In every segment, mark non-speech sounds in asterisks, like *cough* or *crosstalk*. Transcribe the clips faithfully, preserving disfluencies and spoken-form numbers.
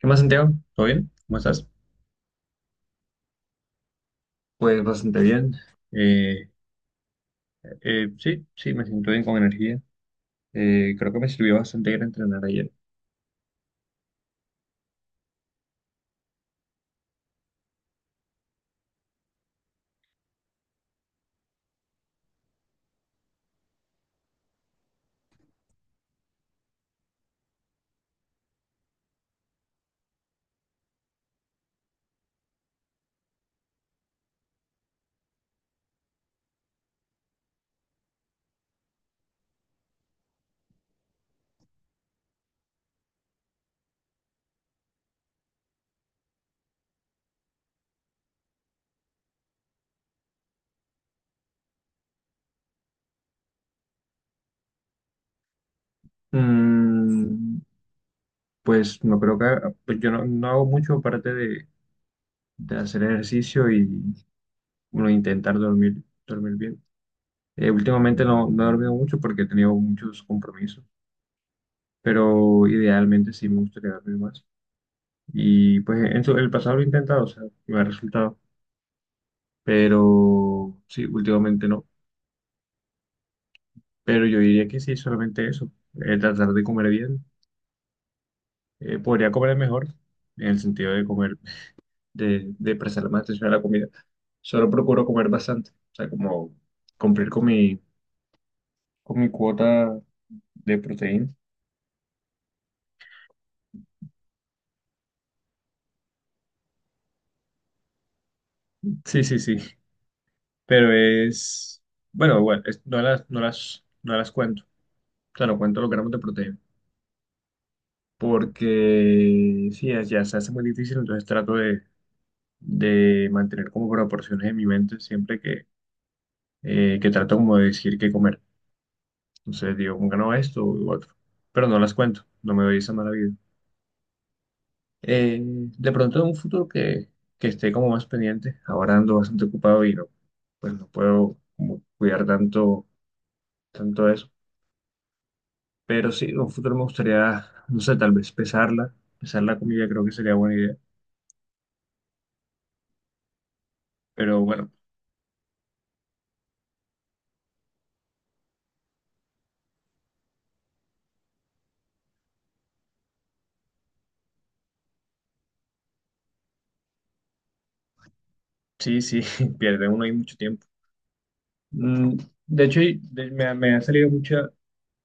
¿Qué más, Santiago? ¿Todo bien? ¿Cómo estás? Pues bastante bien. Eh, eh, sí, sí, me siento bien con energía. Eh, creo que me sirvió bastante ir a entrenar ayer. Mm, pues no creo que, pues yo no, no hago mucho aparte de, de hacer ejercicio y bueno, intentar dormir, dormir bien. Eh, últimamente no, no he dormido mucho porque he tenido muchos compromisos, pero idealmente sí me gustaría dormir más. Y pues en su- el pasado lo he intentado, o sea, me ha resultado, pero sí, últimamente no. Pero yo diría que sí, solamente eso, eh, tratar de comer bien. Eh, podría comer mejor, en el sentido de comer, de, de prestarle más atención a la comida. Solo procuro comer bastante, o sea, como cumplir con mi, con mi cuota de proteína. Sí, sí, sí, pero es, bueno, bueno, es- no las, no las, no las cuento, o sea, no cuento los gramos de proteína, porque sí, ya ya se hace muy difícil, entonces trato de, de mantener como proporciones en mi mente siempre que eh, que trato como de decir qué comer. Entonces digo, como que no, esto u otro. Pero no las cuento, no me doy esa mala vida. Eh, de pronto en un futuro que, que esté como más pendiente, ahora ando bastante ocupado y no, pues no puedo como cuidar tanto, tanto eso. Pero sí, en un futuro me gustaría, no sé, tal vez pesarla, pesar la comida creo que sería buena idea. Pero bueno, sí, sí, *laughs* pierde uno ahí mucho tiempo. Mm, De hecho, y- de- me, ha- me ha salido mucha,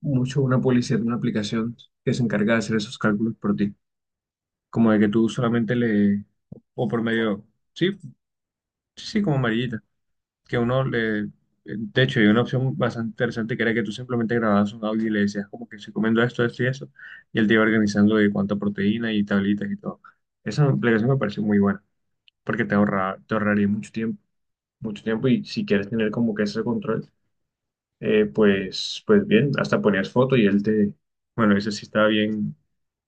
mucho una publicidad de una aplicación que se encarga de hacer esos cálculos por ti. Como de que tú solamente le, o por medio, sí, sí, sí, como amarillita, que uno le, de hecho, hay una opción bastante interesante que era que tú simplemente grababas un audio y le decías como que se comiendo esto, esto y eso, y él te iba organizando de cuánta proteína y tablitas y todo. Esa aplicación me pareció muy buena, porque te ahorra, te ahorraría mucho tiempo, mucho tiempo, y si quieres tener como que ese control, eh, pues, pues bien, hasta ponías foto y él te, bueno, ese sí estaba bien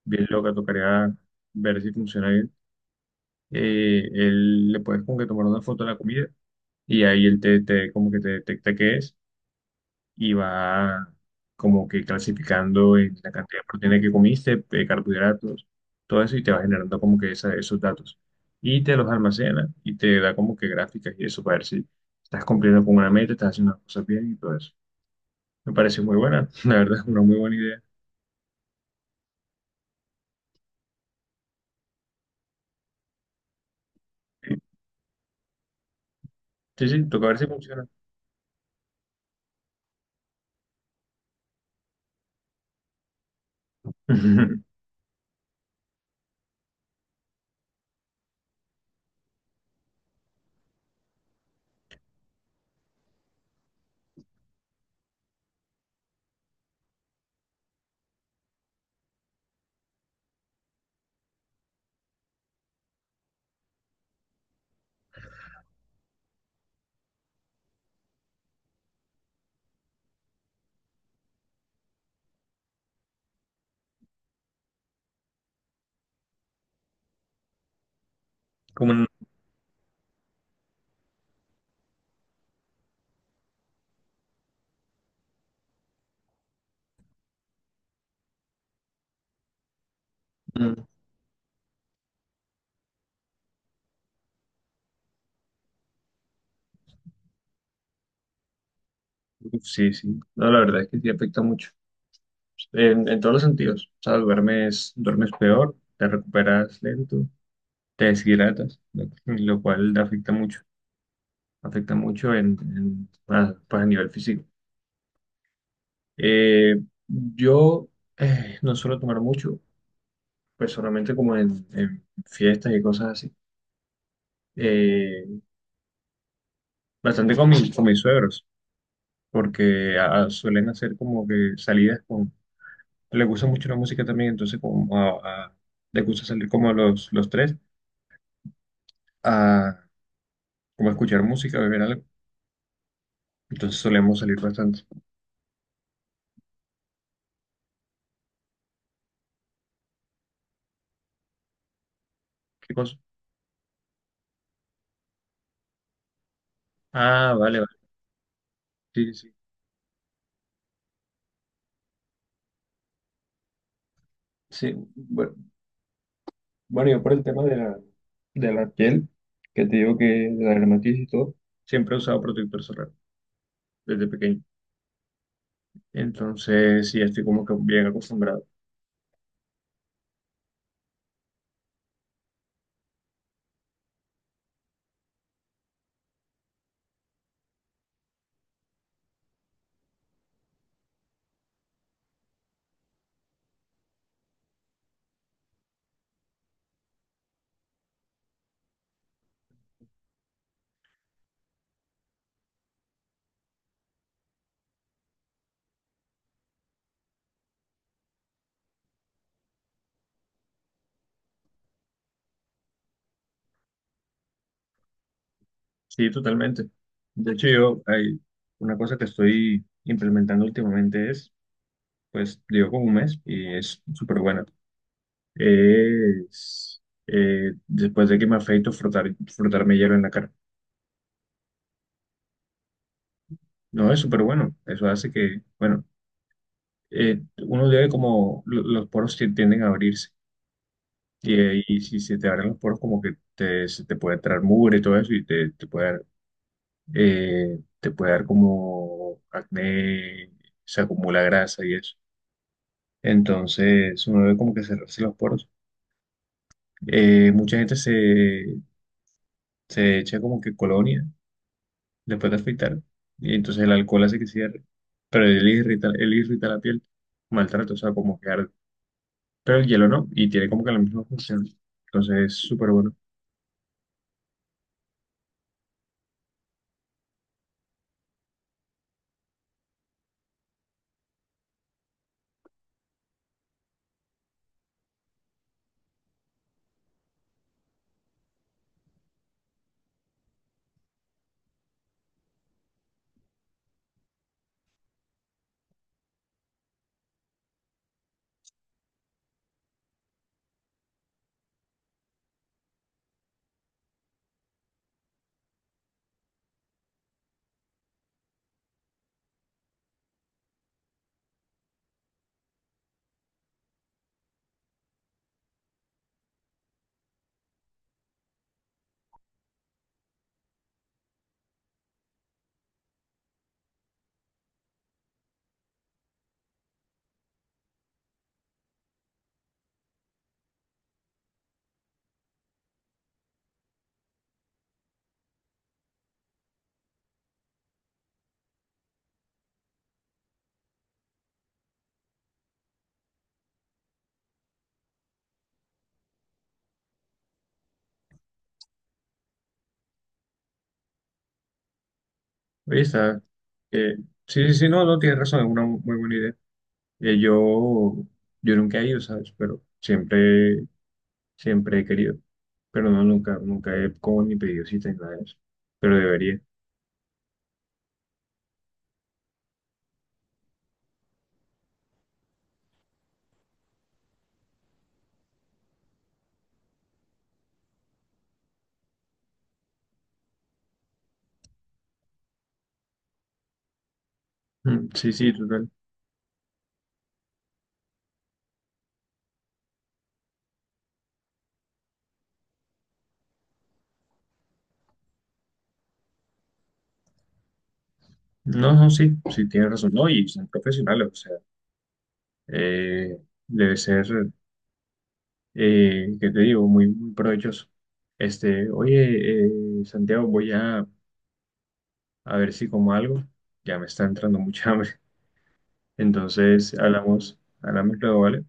bien loca, tocaría ver si funciona bien. Eh, él le puedes como que tomar una foto de la comida y ahí él te, te- como que te detecta qué es y va como que clasificando en la cantidad de proteína que comiste, de carbohidratos, todo eso y te va generando como que esa- esos datos. Y te los almacena y te da como que gráficas y eso para ver si estás cumpliendo con una meta, estás haciendo las cosas bien y todo eso. Me parece muy buena, *laughs* la verdad, una muy buena idea. Sí, sí, toca ver si funciona. *laughs* Como en- Sí, sí. No, la verdad es que sí afecta mucho. En, en todos los sentidos. O sea, duermes, duermes peor, te recuperas lento, te deshidratas, lo, lo cual te afecta mucho. Afecta mucho en, en- a, pues a nivel físico. Eh, yo eh, No suelo tomar mucho, pues solamente como en, en fiestas y cosas así. Eh, Bastante con, mis- con mis suegros, porque ah, suelen hacer como que salidas le gusta mucho la música también, entonces como a, a- le gusta salir como a los, los tres, a como a escuchar música, a beber algo. Entonces solemos salir bastante. ¿Qué cosa? Ah, vale, vale. Sí, sí. Sí, bueno, bueno, yo por el tema de la, de la piel, que te digo que de la dermatitis y todo, siempre he usado protector solar desde pequeño. Entonces, sí, estoy como que bien acostumbrado. Sí, totalmente. De hecho, yo hay una cosa que estoy implementando últimamente es pues digo como un mes y es súper buena. Es eh, después de que me afeito, frotar, frotarme hielo en la cara. No, es súper bueno. Eso hace que, bueno, eh, uno debe como lo- los poros ti- tienden a abrirse. Y, eh, y si se te abren los poros, como que te, se te puede entrar mugre y todo eso, y te, te puede dar, eh, te puede dar como acné, se acumula grasa y eso. Entonces, uno debe como que cerrarse los poros. Eh, mucha gente se, se echa como que colonia después de afeitar y entonces el alcohol hace que cierre, pero él irrita, él irrita la piel, maltrato, o sea, como que arde. Pero el hielo no, y tiene como que la misma función, entonces es súper bueno. Oye, está, eh, sí, sí, sí, no, no, tienes razón, es una muy buena idea. Eh, yo, yo nunca he ido, ¿sabes? Pero siempre, siempre he querido, pero no, nunca, nunca he como ni pedido cita ni nada de eso, pero debería. Mm, Sí, sí, total. No, no, sí, sí, tienes razón. No, y son profesionales, o sea. eh, Debe ser, eh, ¿qué te digo? Muy, muy provechoso. Este, oye, eh, Santiago, voy a, a ver si como algo. Ya me está entrando mucha *laughs* hambre. Entonces, hablamos, hablamos luego, ¿vale?